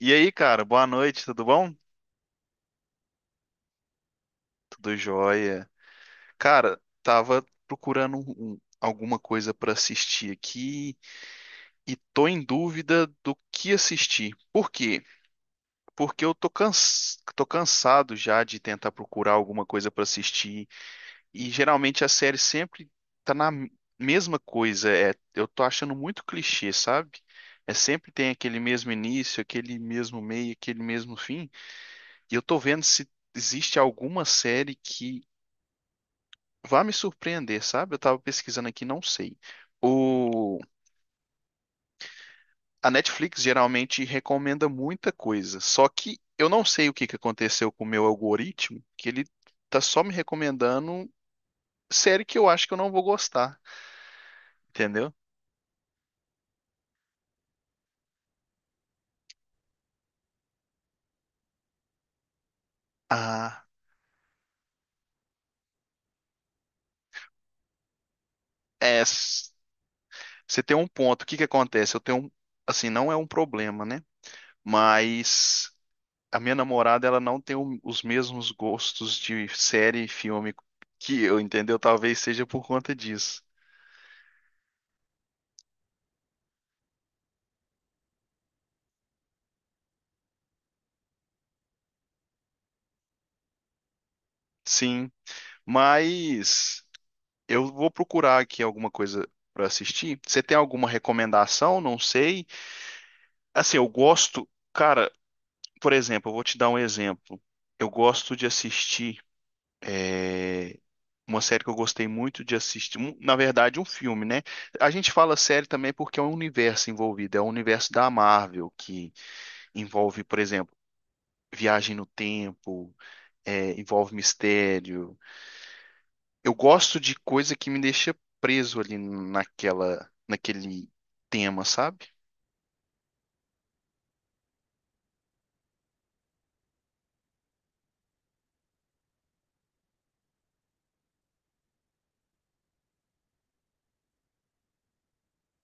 E aí, cara, boa noite, tudo bom? Tudo jóia. Cara, tava procurando alguma coisa pra assistir aqui e tô em dúvida do que assistir. Por quê? Porque eu tô cansado já de tentar procurar alguma coisa pra assistir, e geralmente a série sempre tá na mesma coisa. É, eu tô achando muito clichê, sabe? É sempre tem aquele mesmo início, aquele mesmo meio, aquele mesmo fim. E eu tô vendo se existe alguma série que vai me surpreender, sabe? Eu tava pesquisando aqui, não sei. O... A Netflix geralmente recomenda muita coisa, só que eu não sei o que que aconteceu com o meu algoritmo, que ele tá só me recomendando série que eu acho que eu não vou gostar, entendeu? Ah, é. Você tem um ponto. O que que acontece? Eu tenho um. Assim, não é um problema, né? Mas a minha namorada, ela não tem os mesmos gostos de série e filme que eu, entendeu? Talvez seja por conta disso. Sim, mas eu vou procurar aqui alguma coisa pra assistir. Você tem alguma recomendação? Não sei. Assim, eu gosto, cara, por exemplo, eu vou te dar um exemplo. Eu gosto de assistir uma série que eu gostei muito de assistir, na verdade, um filme, né? A gente fala série também porque é um universo envolvido, é o universo da Marvel que envolve, por exemplo, viagem no tempo, é, envolve mistério. Eu gosto de coisa que me deixa preso ali naquele tema, sabe?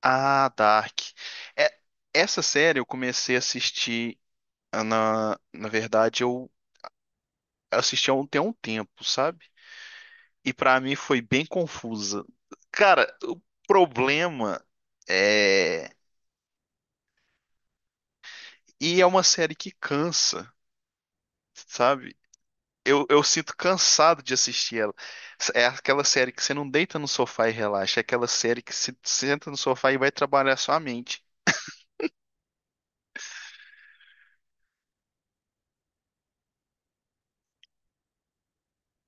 Ah, Dark. É, essa série eu comecei a assistir, ah, na verdade eu assisti tem um tempo, sabe? E pra mim foi bem confusa. Cara, o problema é e é uma série que cansa, sabe? Eu sinto cansado de assistir ela. É aquela série que você não deita no sofá e relaxa. É aquela série que se senta no sofá e vai trabalhar sua mente.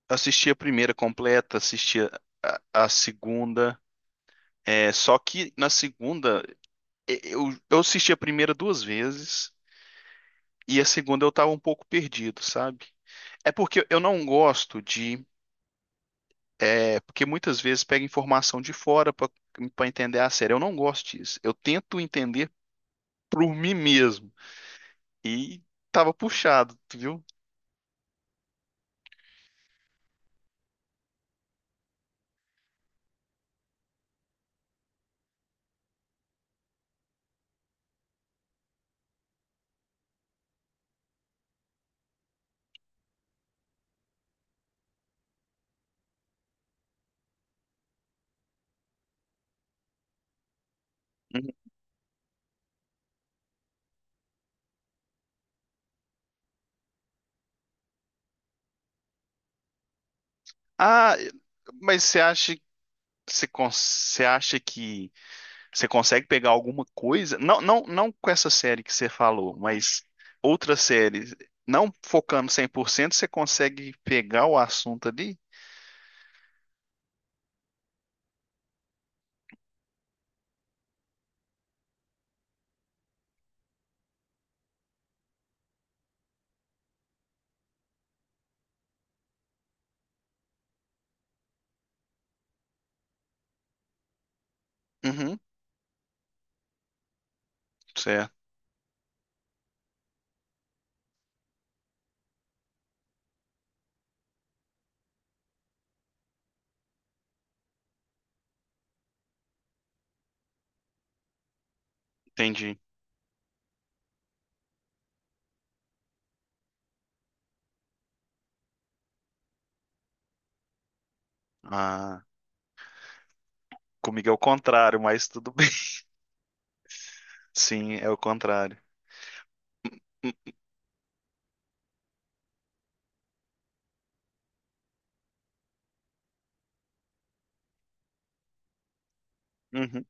Eu assisti a primeira completa, assisti a segunda. É, só que na segunda, eu assisti a primeira duas vezes e a segunda eu tava um pouco perdido, sabe? É porque eu não gosto de. É porque muitas vezes pega informação de fora pra entender a série. Eu não gosto disso. Eu tento entender por mim mesmo, e tava puxado, tu viu? Uhum. Ah, mas você acha, você acha que você consegue pegar alguma coisa? Não, não, não com essa série que você falou, mas outras séries, não focando 100%, você consegue pegar o assunto ali? Uhum, certo, entendi. Ah, comigo é o contrário, mas tudo bem. Sim, é o contrário. Uhum.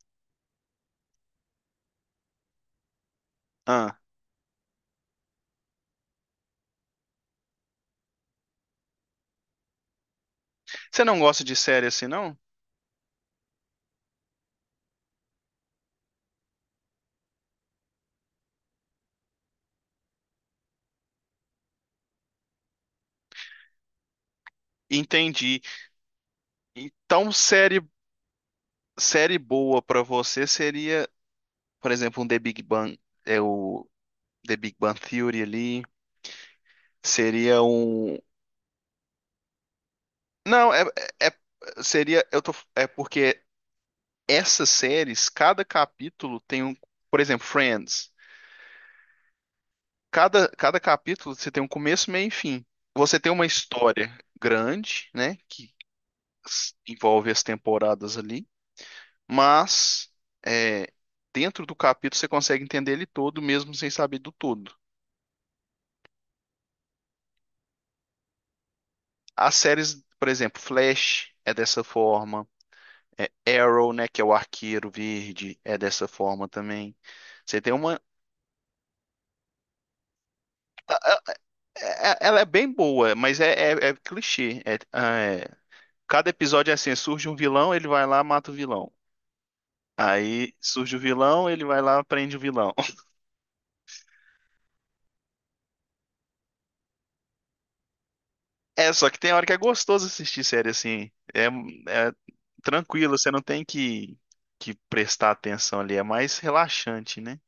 Ah, você não gosta de série assim, não? Entendi. Então, série boa pra você seria, por exemplo, um The Big Bang, é o The Big Bang Theory ali, seria um. Não, é, seria eu tô é porque essas séries, cada capítulo tem um, por exemplo, Friends. Cada capítulo você tem um começo, meio e fim. Você tem uma história grande, né, que envolve as temporadas ali, mas é, dentro do capítulo você consegue entender ele todo mesmo sem saber do todo. As séries, por exemplo, Flash é dessa forma, é Arrow, né, que é o arqueiro verde, é dessa forma também. Você tem uma, ela é bem boa, mas é, é clichê. Cada episódio é assim, surge um vilão, ele vai lá, mata o vilão. Aí surge o vilão, ele vai lá, prende o vilão. É, só que tem hora que é gostoso assistir série assim. É, é tranquilo, você não tem que, prestar atenção ali, é mais relaxante, né?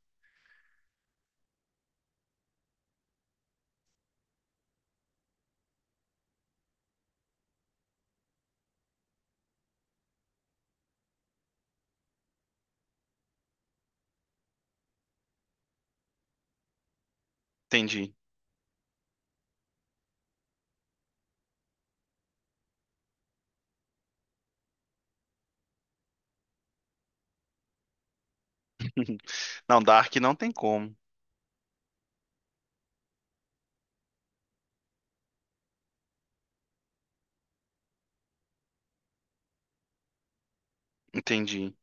Entendi. Não, Dark não tem como. Entendi.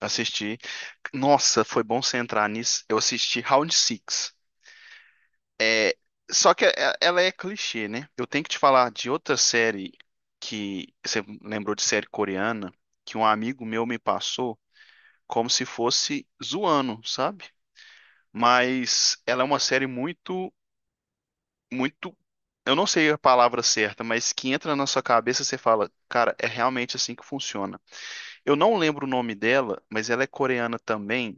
Assisti. Nossa, foi bom você entrar nisso. Eu assisti Round Six. É, só que ela é clichê, né? Eu tenho que te falar de outra série que você lembrou de série coreana que um amigo meu me passou como se fosse zoando, sabe? Mas ela é uma série muito, muito. Eu não sei a palavra certa, mas que entra na sua cabeça e você fala, cara, é realmente assim que funciona. Eu não lembro o nome dela, mas ela é coreana também,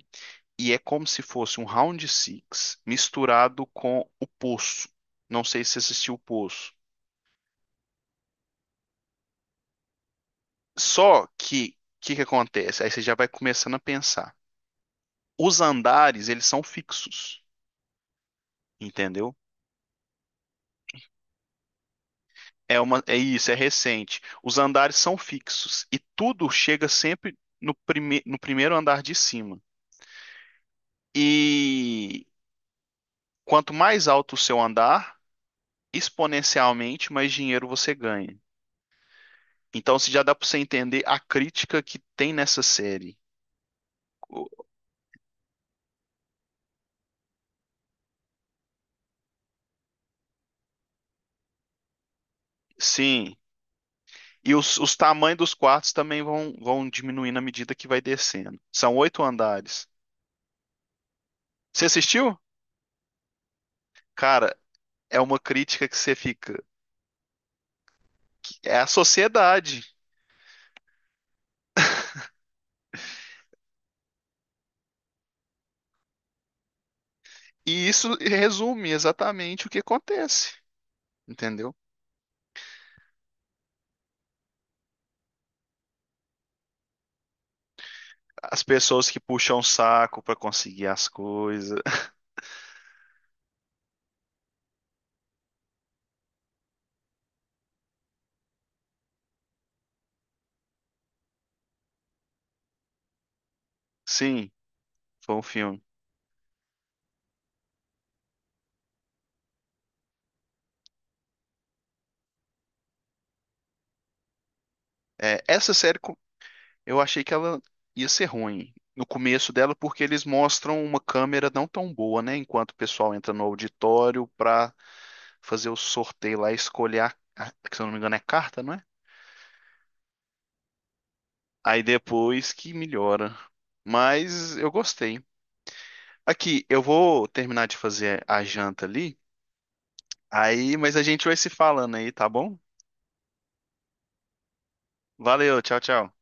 e é como se fosse um round six misturado com o Poço. Não sei se assistiu o Poço. Só que o que que acontece? Aí você já vai começando a pensar. Os andares, eles são fixos, entendeu? É uma, é isso, é recente. Os andares são fixos e tudo chega sempre no primeiro andar de cima. E quanto mais alto o seu andar, exponencialmente mais dinheiro você ganha. Então, se já dá para você entender a crítica que tem nessa série. o- Sim. E os tamanhos dos quartos também vão diminuindo à medida que vai descendo. São oito andares. Você assistiu? Cara, é uma crítica que você fica. É a sociedade. E isso resume exatamente o que acontece. Entendeu? As pessoas que puxam o saco pra conseguir as coisas. Sim, foi um filme. É, essa série, eu achei que ela ia ser ruim no começo dela, porque eles mostram uma câmera não tão boa, né? Enquanto o pessoal entra no auditório pra fazer o sorteio lá, escolher a, que se eu não me engano é carta, não é? Aí depois que melhora. Mas eu gostei. Aqui, eu vou terminar de fazer a janta ali, aí, mas a gente vai se falando aí, tá bom? Valeu, tchau, tchau.